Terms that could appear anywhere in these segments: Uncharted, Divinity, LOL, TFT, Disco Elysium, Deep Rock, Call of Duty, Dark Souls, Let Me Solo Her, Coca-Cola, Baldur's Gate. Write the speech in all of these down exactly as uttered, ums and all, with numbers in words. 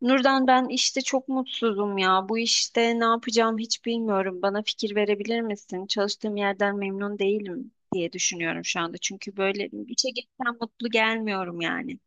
Nurdan ben işte çok mutsuzum ya. Bu işte ne yapacağım hiç bilmiyorum. Bana fikir verebilir misin? Çalıştığım yerden memnun değilim diye düşünüyorum şu anda. Çünkü böyle işe gitsem mutlu gelmiyorum yani.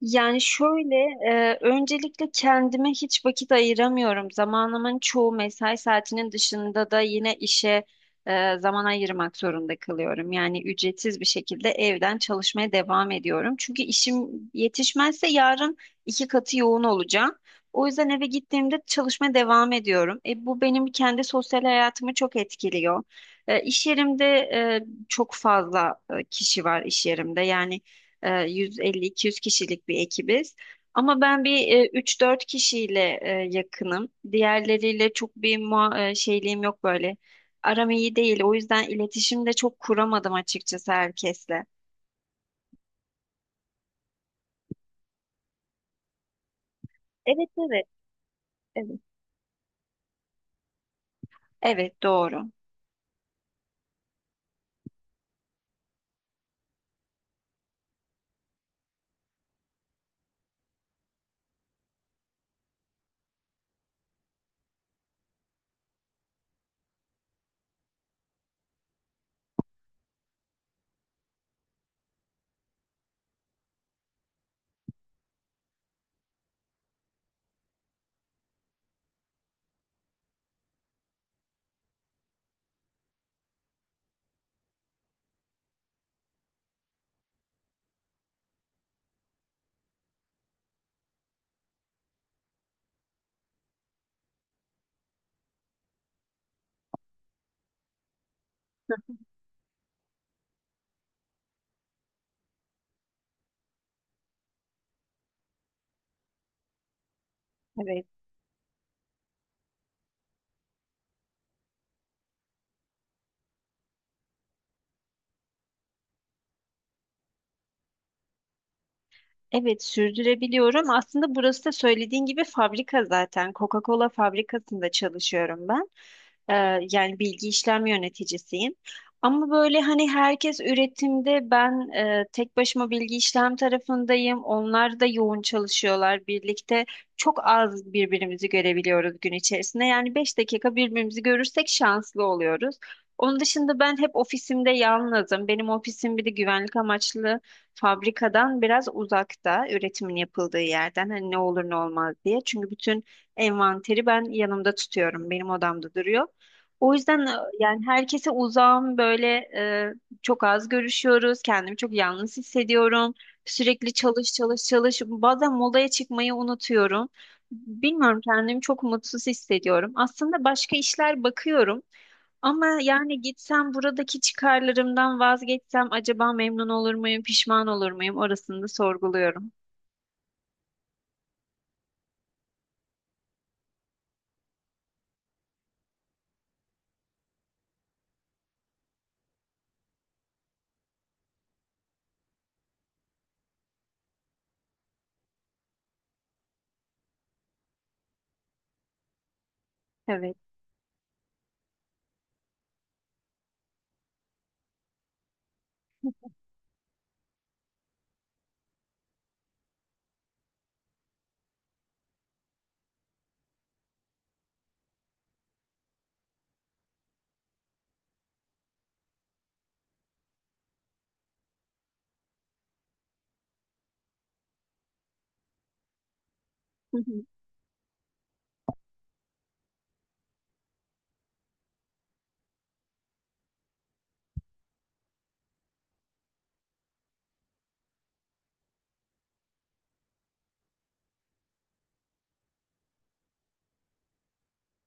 Yani şöyle, e, öncelikle kendime hiç vakit ayıramıyorum. Zamanımın çoğu mesai saatinin dışında da yine işe e, zaman ayırmak zorunda kalıyorum. Yani ücretsiz bir şekilde evden çalışmaya devam ediyorum. Çünkü işim yetişmezse yarın iki katı yoğun olacağım. O yüzden eve gittiğimde çalışmaya devam ediyorum. E, bu benim kendi sosyal hayatımı çok etkiliyor. E, iş yerimde e, çok fazla e, kişi var iş yerimde. Yani e, yüz elli iki yüz kişilik bir ekibiz. Ama ben bir e, üç dört kişiyle e, yakınım. Diğerleriyle çok bir mua- e, şeyliğim yok böyle. Aram iyi değil. O yüzden iletişim de çok kuramadım açıkçası herkesle. Evet, evet, evet. Evet, doğru. Evet. Evet, sürdürebiliyorum. Aslında burası da söylediğin gibi fabrika zaten. Coca-Cola fabrikasında çalışıyorum ben. Ee, yani bilgi işlem yöneticisiyim. Ama böyle hani herkes üretimde, ben e, tek başıma bilgi işlem tarafındayım. Onlar da yoğun çalışıyorlar birlikte. Çok az birbirimizi görebiliyoruz gün içerisinde. Yani beş dakika birbirimizi görürsek şanslı oluyoruz. Onun dışında ben hep ofisimde yalnızım. Benim ofisim bir de güvenlik amaçlı fabrikadan biraz uzakta, üretimin yapıldığı yerden hani ne olur ne olmaz diye. Çünkü bütün envanteri ben yanımda tutuyorum. Benim odamda duruyor. O yüzden e, yani herkese uzağım böyle, e, çok az görüşüyoruz. Kendimi çok yalnız hissediyorum. Sürekli çalış çalış çalış. Bazen molaya çıkmayı unutuyorum. Bilmiyorum, kendimi çok mutsuz hissediyorum. Aslında başka işler bakıyorum. Ama yani gitsem buradaki çıkarlarımdan vazgeçsem acaba memnun olur muyum, pişman olur muyum? Orasını da sorguluyorum. Evet. Hı hı.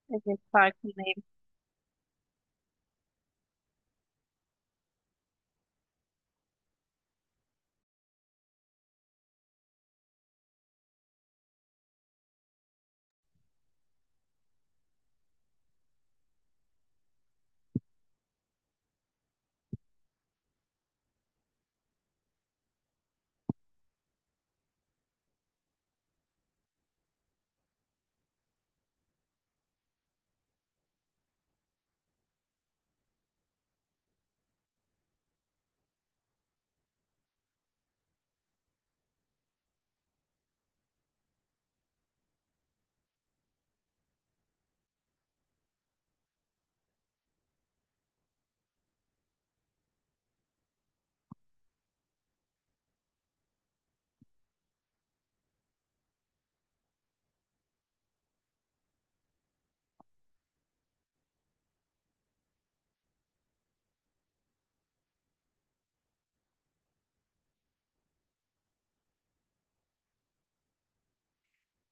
Evet, farkındayım.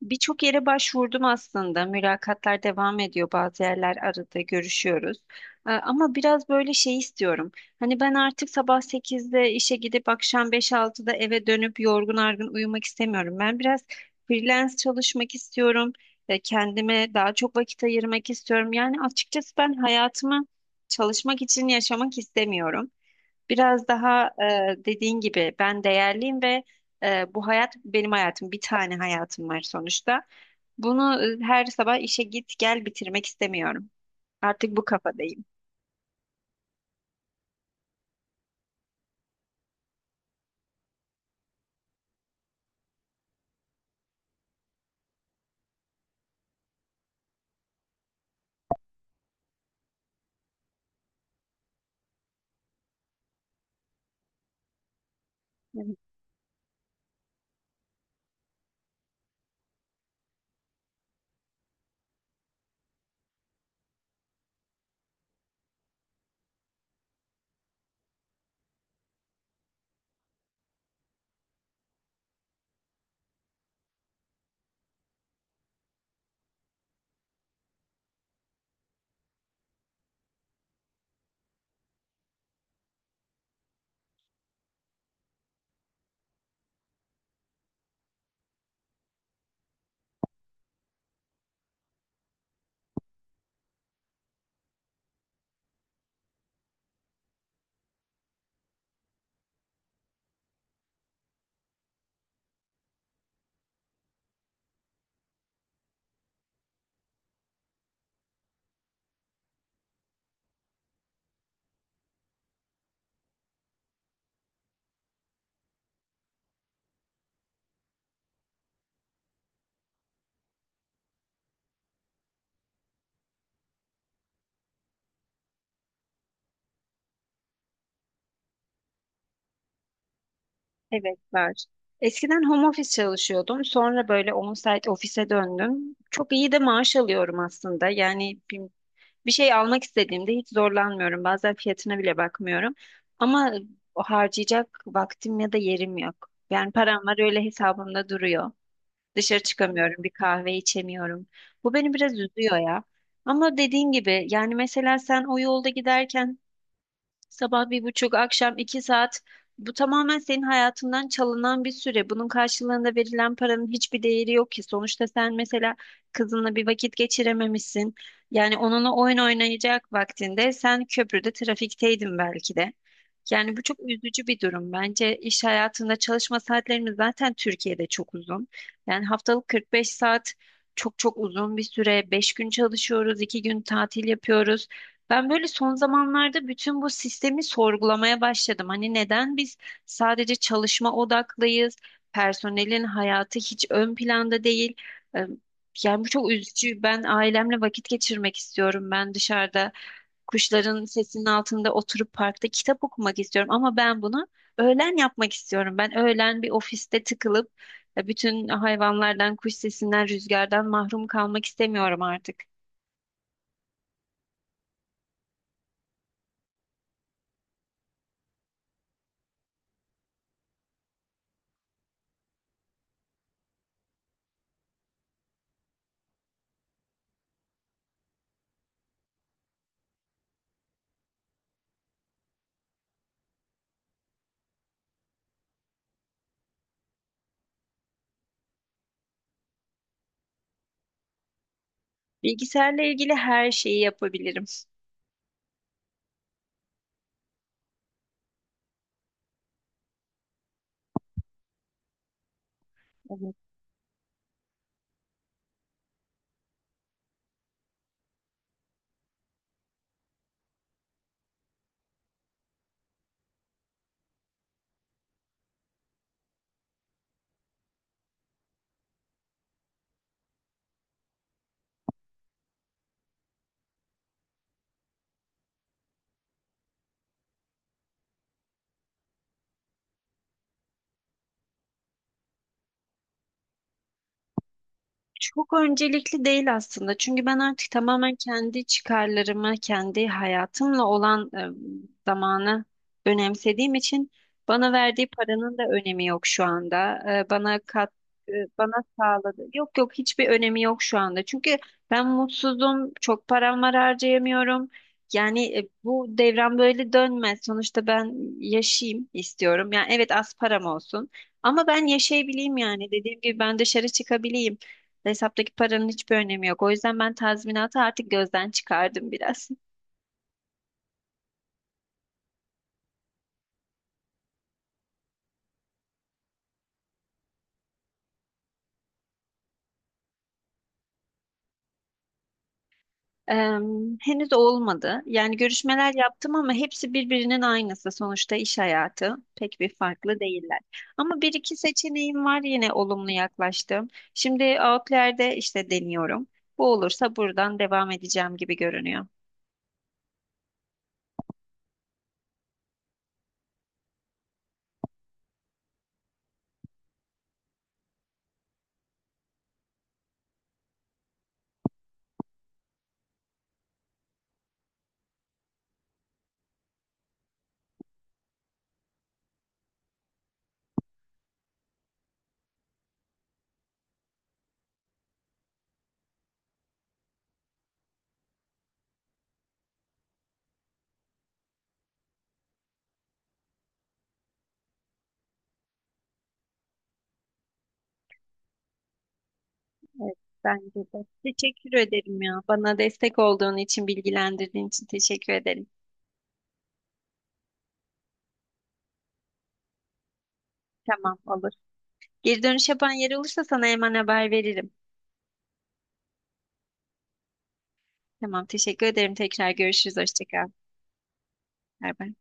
Birçok yere başvurdum aslında. Mülakatlar devam ediyor. Bazı yerler aradı, görüşüyoruz. Ee, Ama biraz böyle şey istiyorum. Hani ben artık sabah sekizde işe gidip akşam beş altıda eve dönüp yorgun argın uyumak istemiyorum. Ben biraz freelance çalışmak istiyorum. Ee, Kendime daha çok vakit ayırmak istiyorum. Yani açıkçası ben hayatımı çalışmak için yaşamak istemiyorum. Biraz daha e, dediğin gibi ben değerliyim ve e, bu hayat benim hayatım. Bir tane hayatım var sonuçta. Bunu e, her sabah işe git gel bitirmek istemiyorum. Artık bu kafadayım. Evet, evet, var. Eskiden home office çalışıyordum. Sonra böyle on saat ofise döndüm. Çok iyi de maaş alıyorum aslında. Yani bir- Bir şey almak istediğimde hiç zorlanmıyorum. Bazen fiyatına bile bakmıyorum. Ama o harcayacak vaktim ya da yerim yok. Yani param var, öyle hesabımda duruyor. Dışarı çıkamıyorum, bir kahve içemiyorum. Bu beni biraz üzüyor ya. Ama dediğin gibi, yani mesela sen o yolda giderken sabah bir buçuk, akşam iki saat. Bu tamamen senin hayatından çalınan bir süre. Bunun karşılığında verilen paranın hiçbir değeri yok ki. Sonuçta sen mesela kızınla bir vakit geçirememişsin. Yani onunla oyun oynayacak vaktinde sen köprüde trafikteydin belki de. Yani bu çok üzücü bir durum. Bence iş hayatında çalışma saatlerimiz zaten Türkiye'de çok uzun. Yani haftalık kırk beş saat çok çok uzun bir süre. Beş gün çalışıyoruz, iki gün tatil yapıyoruz. Ben böyle son zamanlarda bütün bu sistemi sorgulamaya başladım. Hani neden biz sadece çalışma odaklıyız, personelin hayatı hiç ön planda değil. Ee, Yani bu çok üzücü. Ben ailemle vakit geçirmek istiyorum. Ben dışarıda kuşların sesinin altında oturup parkta kitap okumak istiyorum. Ama ben bunu öğlen yapmak istiyorum. Ben öğlen bir ofiste tıkılıp e, bütün hayvanlardan, kuş sesinden, rüzgardan mahrum kalmak istemiyorum artık. Bilgisayarla ilgili her şeyi yapabilirim. Evet. Çok öncelikli değil aslında. Çünkü ben artık tamamen kendi çıkarlarımı, kendi hayatımla olan e, zamanı önemsediğim için bana verdiği paranın da önemi yok şu anda. E, bana kat e, Bana sağladı. Yok, yok, hiçbir önemi yok şu anda. Çünkü ben mutsuzum, çok param var, harcayamıyorum. Yani e, bu devran böyle dönmez. Sonuçta ben yaşayayım istiyorum. Yani evet, az param olsun. Ama ben yaşayabileyim yani. Dediğim gibi ben dışarı çıkabileyim. Hesaptaki paranın hiçbir önemi yok. O yüzden ben tazminatı artık gözden çıkardım biraz. Eee, Henüz olmadı. Yani görüşmeler yaptım ama hepsi birbirinin aynısı. Sonuçta iş hayatı pek bir farklı değiller. Ama bir iki seçeneğim var, yine olumlu yaklaştım. Şimdi Outlier'de işte deniyorum. Bu olursa buradan devam edeceğim gibi görünüyor. Evet, bence de. Teşekkür ederim ya. Bana destek olduğun için, bilgilendirdiğin için teşekkür ederim. Tamam, olur. Geri dönüş yapan yer olursa sana hemen haber veririm. Tamam, teşekkür ederim. Tekrar görüşürüz. Hoşça kal. Bay bay.